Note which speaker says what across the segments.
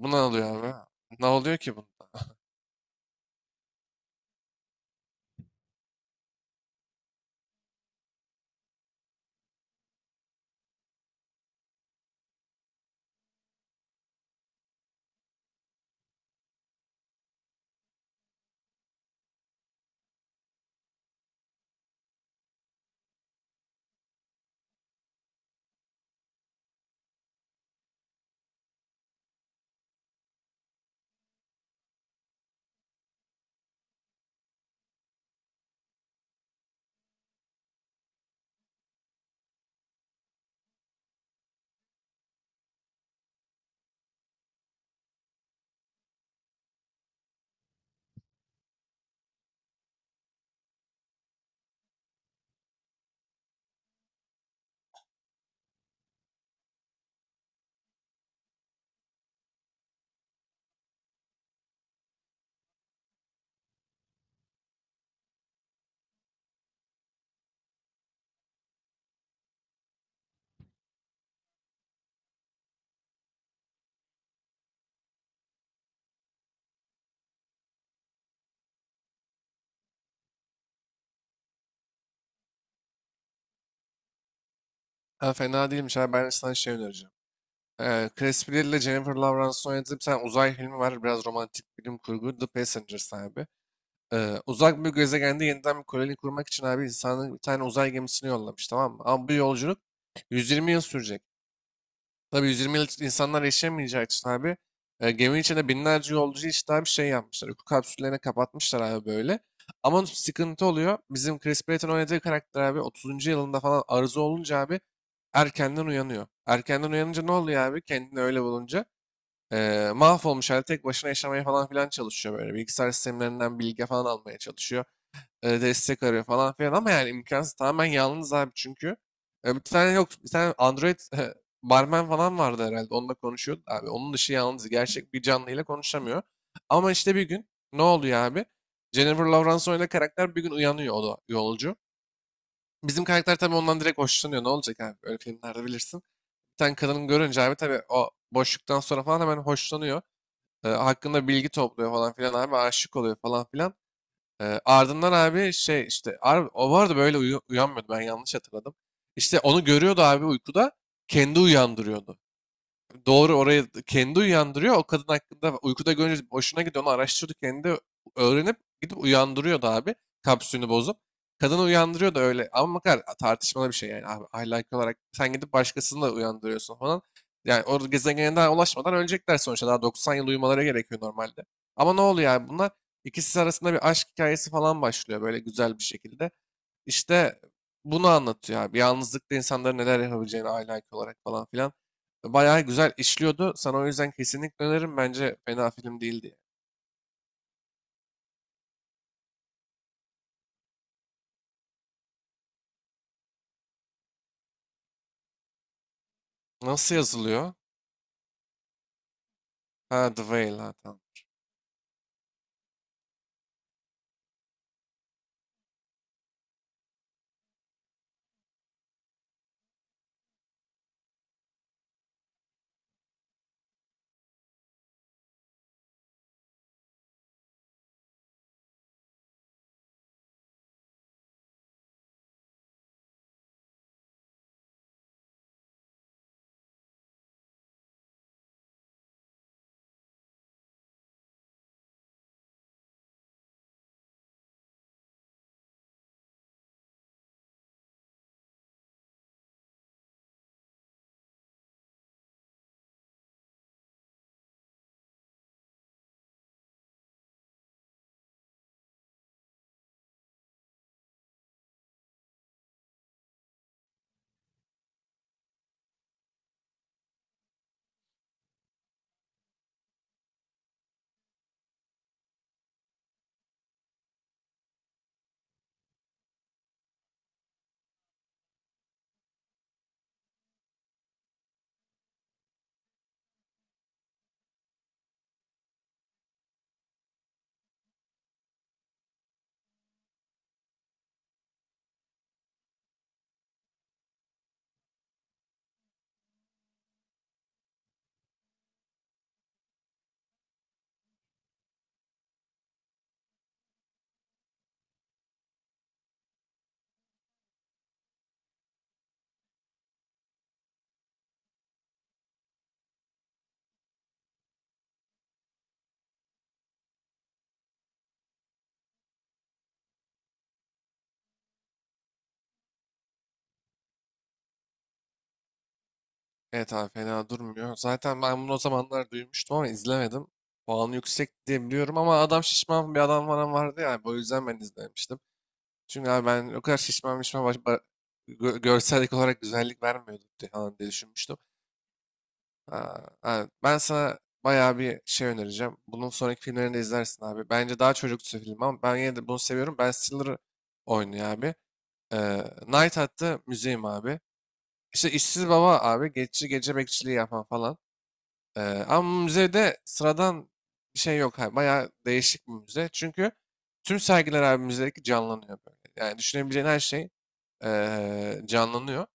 Speaker 1: Buna ne oluyor abi? Ne oluyor ki bunda? Ha, fena değilmiş abi. Ben sana şey önereceğim. Chris Pratt ile Jennifer Lawrence'ın oynadığı bir tane uzay filmi var. Biraz romantik bilim kurgu. The Passengers abi. Uzak bir gezegende yeniden bir koloni kurmak için abi insanın bir tane uzay gemisini yollamış, tamam mı? Ama bu yolculuk 120 yıl sürecek. Tabii 120 yıl insanlar yaşayamayacağı için abi geminin içinde binlerce yolcu işte abi şey yapmışlar. Uyku kapsüllerine kapatmışlar abi böyle. Ama sıkıntı oluyor. Bizim Chris Pratt'ın oynadığı karakter abi 30. yılında falan arıza olunca abi erkenden uyanıyor. Erkenden uyanınca ne oluyor abi? Kendini öyle bulunca mahvolmuş halde tek başına yaşamaya falan filan çalışıyor böyle. Bilgisayar sistemlerinden bilgi falan almaya çalışıyor, destek arıyor falan filan ama yani imkansız, tamamen yalnız abi çünkü. E, bir tane yok bir tane Android barman falan vardı herhalde, onunla konuşuyordu abi. Onun dışı yalnız, gerçek bir canlıyla konuşamıyor. Ama işte bir gün ne oluyor abi? Jennifer Lawrence oynadığı karakter bir gün uyanıyor, o da yolcu. Bizim karakter tabii ondan direkt hoşlanıyor. Ne olacak abi? Öyle filmlerde bilirsin. Bir tane kadının görünce abi tabii o boşluktan sonra falan hemen hoşlanıyor. E, hakkında bilgi topluyor falan filan abi, aşık oluyor falan filan. Ardından abi şey işte o vardı böyle uyanmıyordu, ben yanlış hatırladım. İşte onu görüyordu abi uykuda, kendi uyandırıyordu. Doğru, oraya kendi uyandırıyor. O kadın hakkında uykuda görünce hoşuna gidiyor. Onu araştırdı, kendi öğrenip gidip uyandırıyordu abi. Kapsülünü bozup. Kadını uyandırıyordu öyle. Ama bakar, tartışmalı bir şey yani abi. Ahlaki olarak sen gidip başkasını da uyandırıyorsun falan. Yani o gezegene daha ulaşmadan ölecekler sonuçta. Daha 90 yıl uyumaları gerekiyor normalde. Ama ne oluyor yani, bunlar ikisi arasında bir aşk hikayesi falan başlıyor böyle güzel bir şekilde. İşte bunu anlatıyor abi. Yalnızlıkta insanların neler yapabileceğini aile IQ olarak falan filan. Bayağı güzel işliyordu. Sana o yüzden kesinlikle öneririm. Bence fena film değildi. Nasıl yazılıyor? Ha, The Whale, ha, tamam. Evet abi, fena durmuyor. Zaten ben bunu o zamanlar duymuştum ama izlemedim. Puanı yüksek diye biliyorum ama adam şişman bir adam falan vardı ya. O yüzden ben izlemiştim. Çünkü abi ben o kadar şişman şişman görsellik olarak güzellik vermiyordu diye, falan diye düşünmüştüm. Aa, abi, ben sana bayağı bir şey önereceğim. Bunun sonraki filmlerini de izlersin abi. Bence daha çocuksu film ama ben yine de bunu seviyorum. Ben Stiller'ı oynuyor abi. Night At'ta müzeyim abi. İşte işsiz baba abi. Geçici gece bekçiliği yapan falan. Ee, Ama müzede sıradan bir şey yok. Abi, bayağı değişik bir müze. Çünkü tüm sergiler abi müzedeki canlanıyor böyle. Yani düşünebileceğin her şey canlanıyor.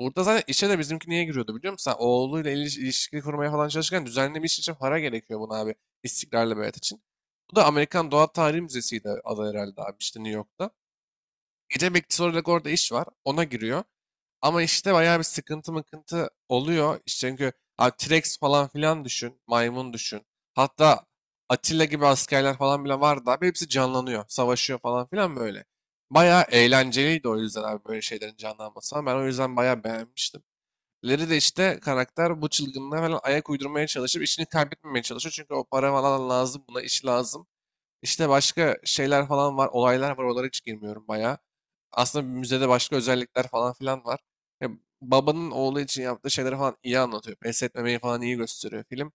Speaker 1: Burada zaten işe de bizimki niye giriyordu, biliyor musun? Sen oğluyla ilişki kurmaya falan çalışırken düzenli bir iş için para gerekiyor buna abi. İstiklal beyat için. Bu da Amerikan Doğa Tarihi Müzesi'ydi adı herhalde abi, işte New York'ta. Gece bekçisi olarak orada iş var. Ona giriyor. Ama işte bayağı bir sıkıntı mıkıntı oluyor. İşte çünkü abi T-Rex falan filan düşün. Maymun düşün. Hatta Atilla gibi askerler falan bile var da abi, hepsi canlanıyor. Savaşıyor falan filan böyle. Bayağı eğlenceliydi o yüzden abi, böyle şeylerin canlanması falan. Ben o yüzden bayağı beğenmiştim. Leri de işte karakter bu çılgınlığa falan ayak uydurmaya çalışıp işini kaybetmemeye çalışıyor. Çünkü o para falan lazım buna, iş lazım. İşte başka şeyler falan var, olaylar var. Oralara hiç girmiyorum bayağı. Aslında bir müzede başka özellikler falan filan var. Ya, babanın oğlu için yaptığı şeyleri falan iyi anlatıyor. Pes etmemeyi falan iyi gösteriyor film.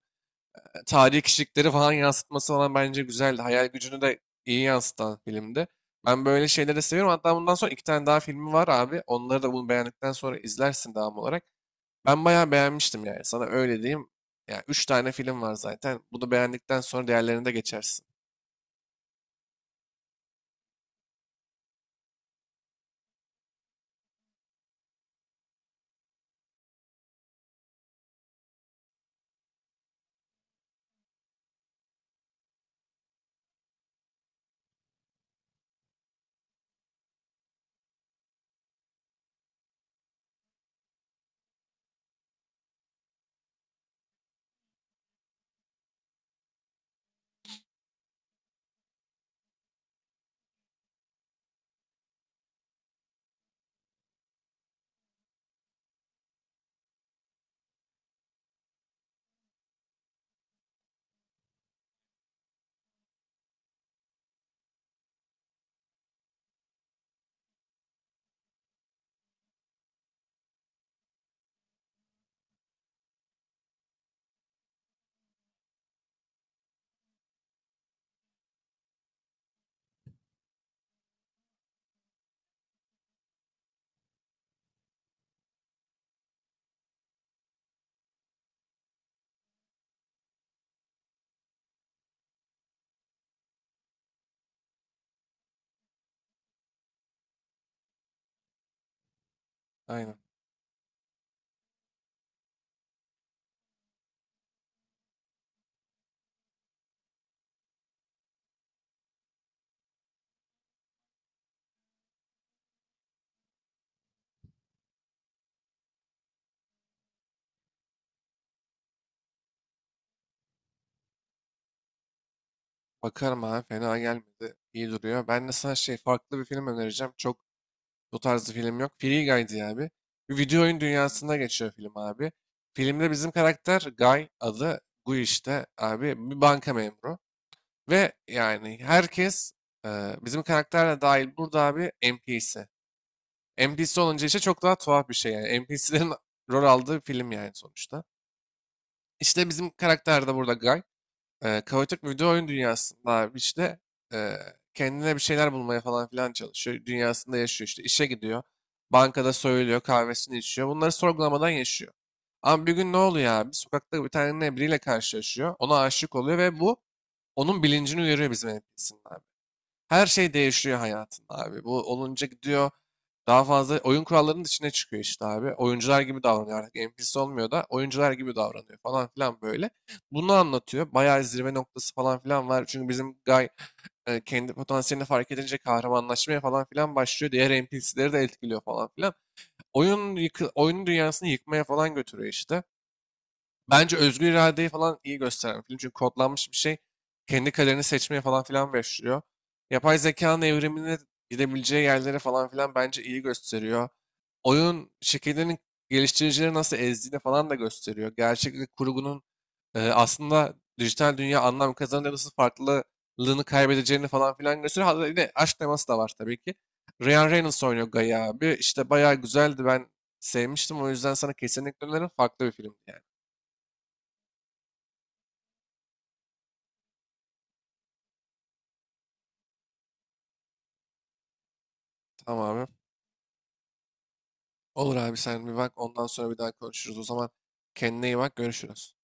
Speaker 1: E, tarihi kişilikleri falan yansıtması falan bence güzeldi. Hayal gücünü de iyi yansıtan filmdi. Ben böyle şeyleri seviyorum. Hatta bundan sonra iki tane daha filmi var abi. Onları da bunu beğendikten sonra izlersin devam olarak. Ben bayağı beğenmiştim yani. Sana öyle diyeyim. Yani üç tane film var zaten. Bunu beğendikten sonra diğerlerine de geçersin. Aynen. Bakarım abi, fena gelmedi. İyi duruyor. Ben de sana şey farklı bir film önereceğim. Çok bu tarzı film yok. Free Guy diye abi. Bir video oyun dünyasında geçiyor film abi. Filmde bizim karakter Guy, adı Guy, işte abi bir banka memuru. Ve yani herkes, bizim karakterle dahil, burada abi NPC. NPC olunca işte çok daha tuhaf bir şey yani. NPC'lerin rol aldığı film yani sonuçta. İşte bizim karakter de burada Guy. E, kaotik bir video oyun dünyasında abi işte e, kendine bir şeyler bulmaya falan filan çalışıyor. Dünyasında yaşıyor, işte işe gidiyor. Bankada soyuluyor, kahvesini içiyor. Bunları sorgulamadan yaşıyor. Ama bir gün ne oluyor abi? Sokakta bir tane biriyle karşılaşıyor. Ona aşık oluyor ve bu onun bilincini uyarıyor, bizim NPC'nin her şey değişiyor hayatında abi. Bu olunca gidiyor, daha fazla oyun kurallarının içine çıkıyor işte abi. Oyuncular gibi davranıyor artık. NPC olmuyor da oyuncular gibi davranıyor falan filan böyle. Bunu anlatıyor. Bayağı zirve noktası falan filan var. Çünkü bizim Guy kendi potansiyelini fark edince kahramanlaşmaya falan filan başlıyor. Diğer NPC'leri de etkiliyor falan filan. Oyun yıkı, oyunun dünyasını yıkmaya falan götürüyor işte. Bence özgür iradeyi falan iyi gösteren bir film. Çünkü kodlanmış bir şey kendi kaderini seçmeye falan filan başlıyor. Yapay zekanın evrimine gidebileceği yerlere falan filan bence iyi gösteriyor. Oyun şirketlerinin geliştiricileri nasıl ezdiğini falan da gösteriyor. Gerçeklik kurgunun aslında dijital dünya anlam kazanınca nasıl farklılığını kaybedeceğini falan filan gösteriyor. Hatta yine aşk teması da var tabii ki. Ryan Reynolds oynuyor Gaia abi. İşte bayağı güzeldi. Ben sevmiştim. O yüzden sana kesinlikle öneririm. Farklı bir film yani. Tamam abi. Olur abi, sen bir bak, ondan sonra bir daha konuşuruz. O zaman kendine iyi bak, görüşürüz.